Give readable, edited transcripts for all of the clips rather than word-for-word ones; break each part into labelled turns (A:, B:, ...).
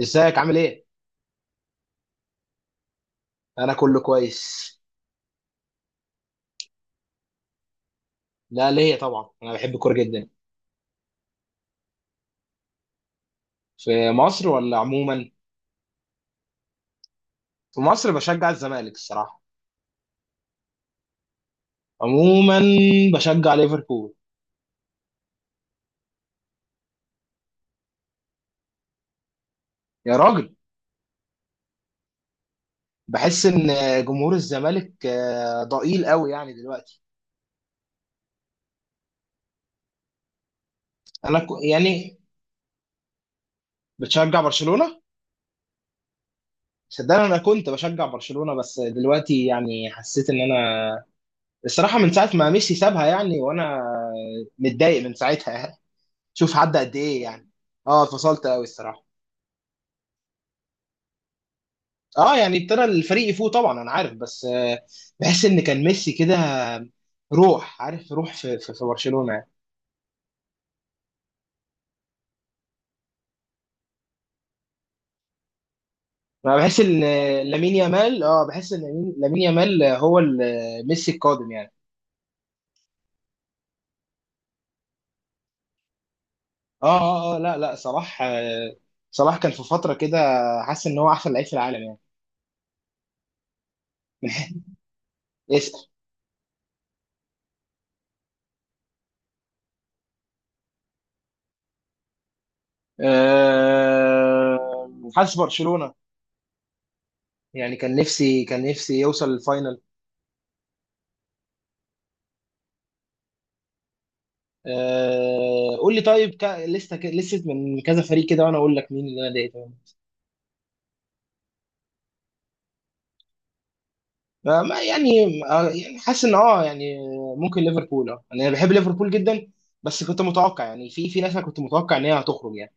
A: ازيك عامل ايه؟ انا كله كويس. لا، ليا طبعا انا بحب الكوره جدا. في مصر ولا عموما؟ في مصر بشجع الزمالك الصراحه. عموما بشجع ليفربول. يا راجل. بحس ان جمهور الزمالك ضئيل قوي يعني دلوقتي. انا يعني بتشجع برشلونه. صدقني انا كنت بشجع برشلونه بس دلوقتي يعني حسيت ان انا الصراحه من ساعه ما ميسي سابها يعني وانا متضايق من ساعتها. شوف عدى قد ايه يعني. اه، اتفصلت قوي الصراحه. اه يعني ابتدى الفريق يفوق طبعا، انا عارف بس بحس ان كان ميسي كده روح، عارف؟ روح في برشلونه يعني. انا بحس ان لامين يامال، بحس ان لامين يامال، هو ميسي القادم يعني. اه اه لا لا، صلاح كان في فتره كده حاسس ان هو احسن لعيب في العالم يعني. اسأل. آه، حاسس برشلونه، يعني كان نفسي، كان نفسي يوصل الفاينل. قول لي، طيب لسه من كذا فريق كده وانا اقول لك مين اللي انا ضايقته منه. ما يعني يعني حاسس ان يعني ممكن ليفربول، يعني انا بحب ليفربول جدا بس كنت متوقع يعني في ناس انا كنت متوقع ان هي هتخرج يعني.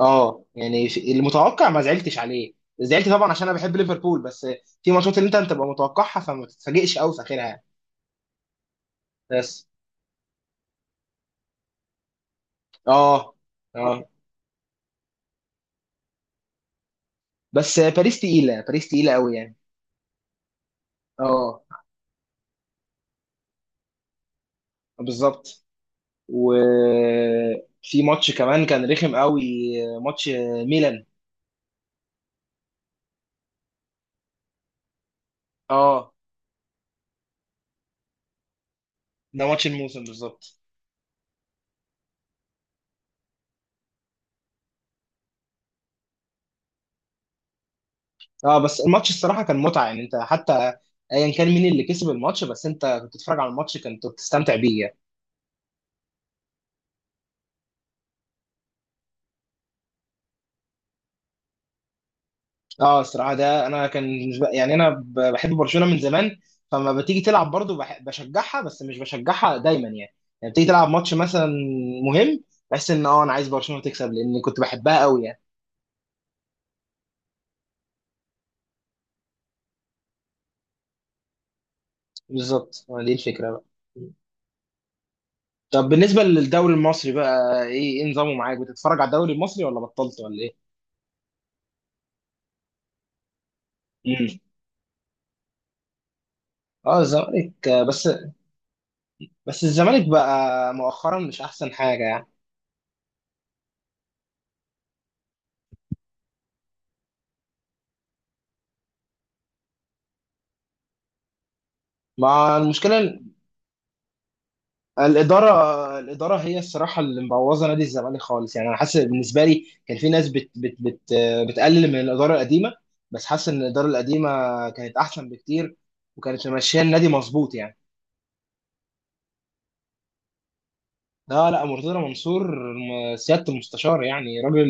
A: اه يعني المتوقع ما زعلتش عليه، زعلت طبعا عشان انا بحب ليفربول بس في ماتشات اللي انت بتبقى متوقعها فما تتفاجئش قوي في اخرها يعني. بس اه اه، بس باريس تقيله، باريس تقيله قوي يعني. اه، بالظبط، وفي ماتش كمان كان رخم قوي. ماتش ميلان. اه، ده ماتش الموسم بالظبط. اه، بس الماتش الصراحه كان متعه يعني. انت حتى ايا كان مين اللي كسب الماتش، بس انت كنت بتتفرج على الماتش كنت بتستمتع بيه يعني. اه الصراحه، ده انا كان يعني انا بحب برشلونه من زمان، فما بتيجي تلعب برضو بشجعها بس مش بشجعها دايما يعني. يعني بتيجي تلعب ماتش مثلا مهم، بحس ان انا عايز برشلونه تكسب لان كنت بحبها قوي يعني. بالظبط، دي الفكره بقى. طب بالنسبة للدوري المصري بقى، ايه نظامه معاك؟ بتتفرج على الدوري المصري ولا بطلت ولا ايه؟ امم. اه الزمالك بس. بس الزمالك بقى مؤخرا مش احسن حاجة يعني. مع المشكلة ال- الإدارة، الإدارة هي الصراحة اللي مبوظة نادي الزمالك خالص يعني. أنا حاسس بالنسبة لي كان في ناس بت بت بت آه، بتقلل من الإدارة القديمة، بس حاسس إن الإدارة القديمة كانت أحسن بكتير، وكانت ماشية النادي مظبوط يعني. لا لا، مرتضى منصور، سيادة المستشار يعني راجل.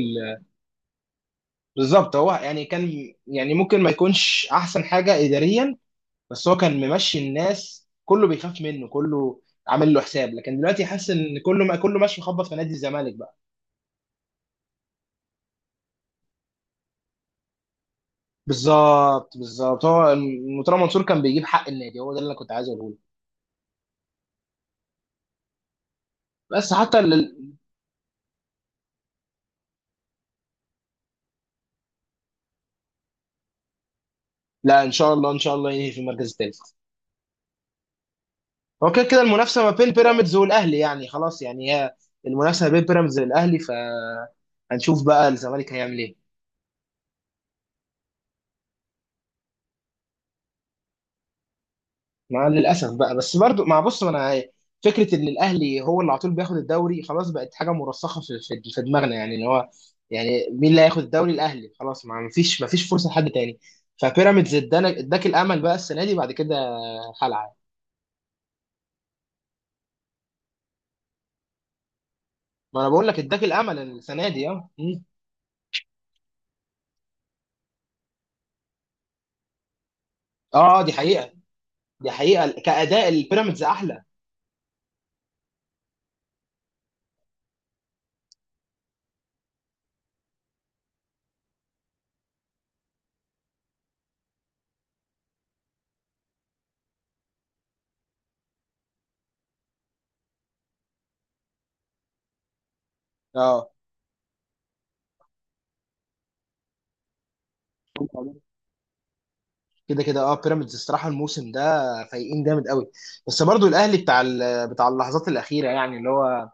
A: بالظبط، هو يعني كان يعني ممكن ما يكونش احسن حاجه اداريا، بس هو كان ممشي الناس، كله بيخاف منه، كله عامل له حساب. لكن دلوقتي حاسس ان كله، ما كله ماشي مخبط في نادي الزمالك بقى. بالظبط، بالظبط، هو مرتضى منصور كان بيجيب حق النادي، هو ده اللي انا كنت عايز اقوله لك. بس حتى ال... لا، ان شاء الله ان شاء الله ينهي في المركز الثالث. هو كده كده المنافسه ما بين بيراميدز والاهلي يعني، خلاص يعني هي المنافسه ما بين بيراميدز والاهلي، فهنشوف بقى الزمالك هيعمل ايه. مع للاسف بقى، بس برضو مع، بص، ما انا فكره ان الاهلي هو اللي على طول بياخد الدوري خلاص بقت حاجه مرسخه في في دماغنا يعني، ان هو يعني مين اللي هياخد الدوري؟ الاهلي خلاص، ما فيش فرصه لحد تاني. فبيراميدز ادانا، اداك الامل بقى السنه دي بعد كده خلع. ما انا بقول لك اداك الامل السنه دي. اه. مم. اه دي حقيقه، دي حقيقه كاداء البيراميدز احلى. اه كده كده، بيراميدز الصراحه الموسم ده فايقين جامد قوي. بس برضو الاهلي بتاع اللحظات الاخيره يعني، اللي هو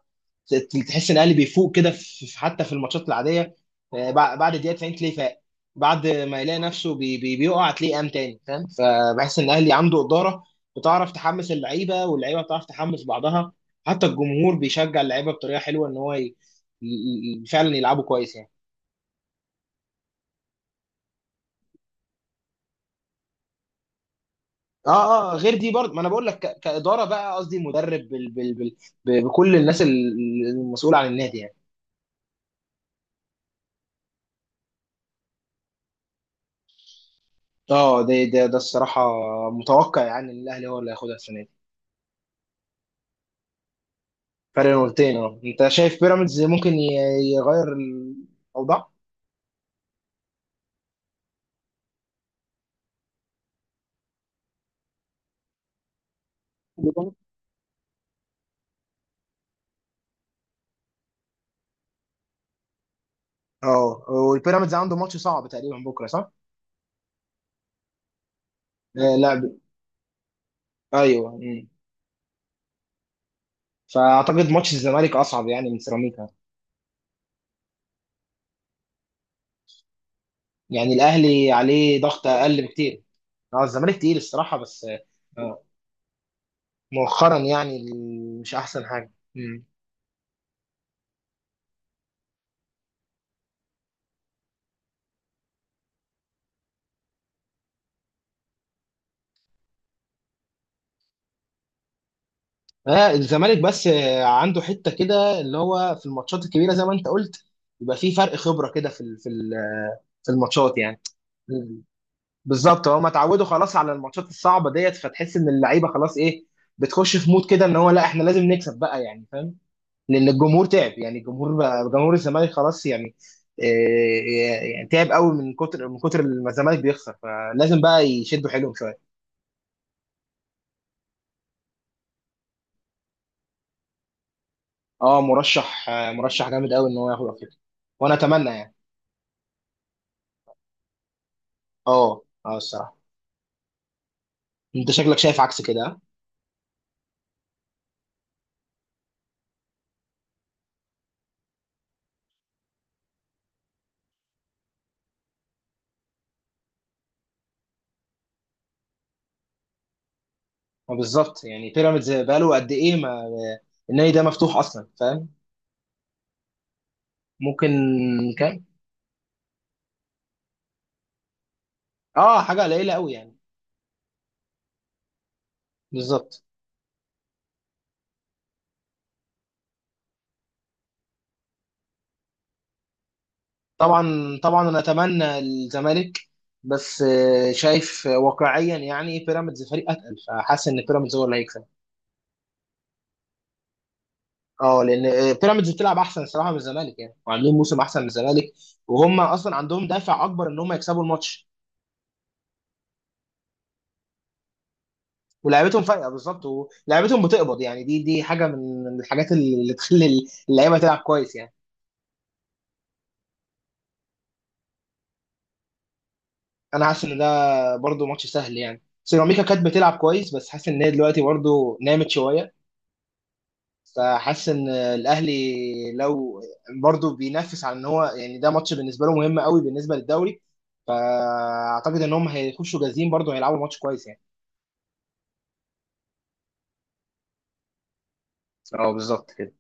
A: تحس ان الاهلي بيفوق كده حتى في الماتشات العاديه. بعد الدقيقه 90 تلاقيه فاق، بعد ما يلاقي نفسه بي بي بيقع تلاقيه قام تاني، فاهم؟ فبحس ان الاهلي عنده اداره بتعرف تحمس اللعيبه، واللعيبه بتعرف تحمس بعضها، حتى الجمهور بيشجع اللعيبه بطريقه حلوه ان هو ي... فعلا يلعبوا كويس يعني. اه اه، غير دي برضه، ما انا بقول لك كاداره بقى، قصدي مدرب بكل الناس المسؤوله عن النادي يعني. اه ده الصراحه متوقع يعني ان الاهلي هو اللي هياخدها السنه دي. فرق نقطتين، انت شايف بيراميدز ممكن يغير الاوضاع؟ اه والبيراميدز عنده ماتش صعب تقريبا بكره، صح؟ آه لا، ايوه. مم. فاعتقد ماتش الزمالك اصعب يعني من سيراميكا، يعني الاهلي عليه ضغط اقل بكتير. اه الزمالك تقيل الصراحه بس. آه، مؤخرا يعني مش احسن حاجه. مم. آه الزمالك بس عنده حته كده اللي هو في الماتشات الكبيره زي ما انت قلت يبقى في فرق خبره كده في الماتشات يعني. بالظبط، هما اتعودوا خلاص على الماتشات الصعبه ديت، فتحس ان اللعيبه خلاص ايه، بتخش في مود كده ان هو لا احنا لازم نكسب بقى، يعني فاهم؟ لان الجمهور تعب يعني، الجمهور بقى جمهور الزمالك خلاص يعني إيه يعني، تعب قوي من كتر من كتر ما الزمالك بيخسر، فلازم بقى يشدوا حيلهم شويه. اه، مرشح جامد قوي ان هو ياخد افريقيا، وانا اتمنى يعني. اه اه الصراحه، انت شكلك شايف عكس كده، ها؟ ما بالظبط، يعني بيراميدز بقاله قد ايه؟ ما النادي ده مفتوح اصلا، فاهم؟ ممكن كام؟ اه حاجه قليله قوي يعني. بالظبط. طبعا طبعا انا اتمنى الزمالك، بس شايف واقعيا يعني بيراميدز فريق اتقل، فحاسس ان بيراميدز هو اللي هيكسب. اه لان بيراميدز بتلعب احسن الصراحه من الزمالك يعني، وعاملين موسم احسن من الزمالك، وهم اصلا عندهم دافع اكبر ان هم يكسبوا الماتش. ولعيبتهم فايقه بالظبط، ولعيبتهم بتقبض يعني، دي حاجه من الحاجات اللي تخلي اللعيبه تلعب كويس يعني. انا حاسس ان ده برضو ماتش سهل يعني، سيراميكا كانت بتلعب كويس بس حاسس ان هي دلوقتي برضو نامت شويه، فحاسس ان الاهلي لو برضه بينافس على ان هو يعني، ده ماتش بالنسبه له مهم قوي بالنسبه للدوري، فاعتقد ان هم هيخشوا جاهزين برضه، هيلعبوا ماتش كويس يعني. اه بالظبط كده.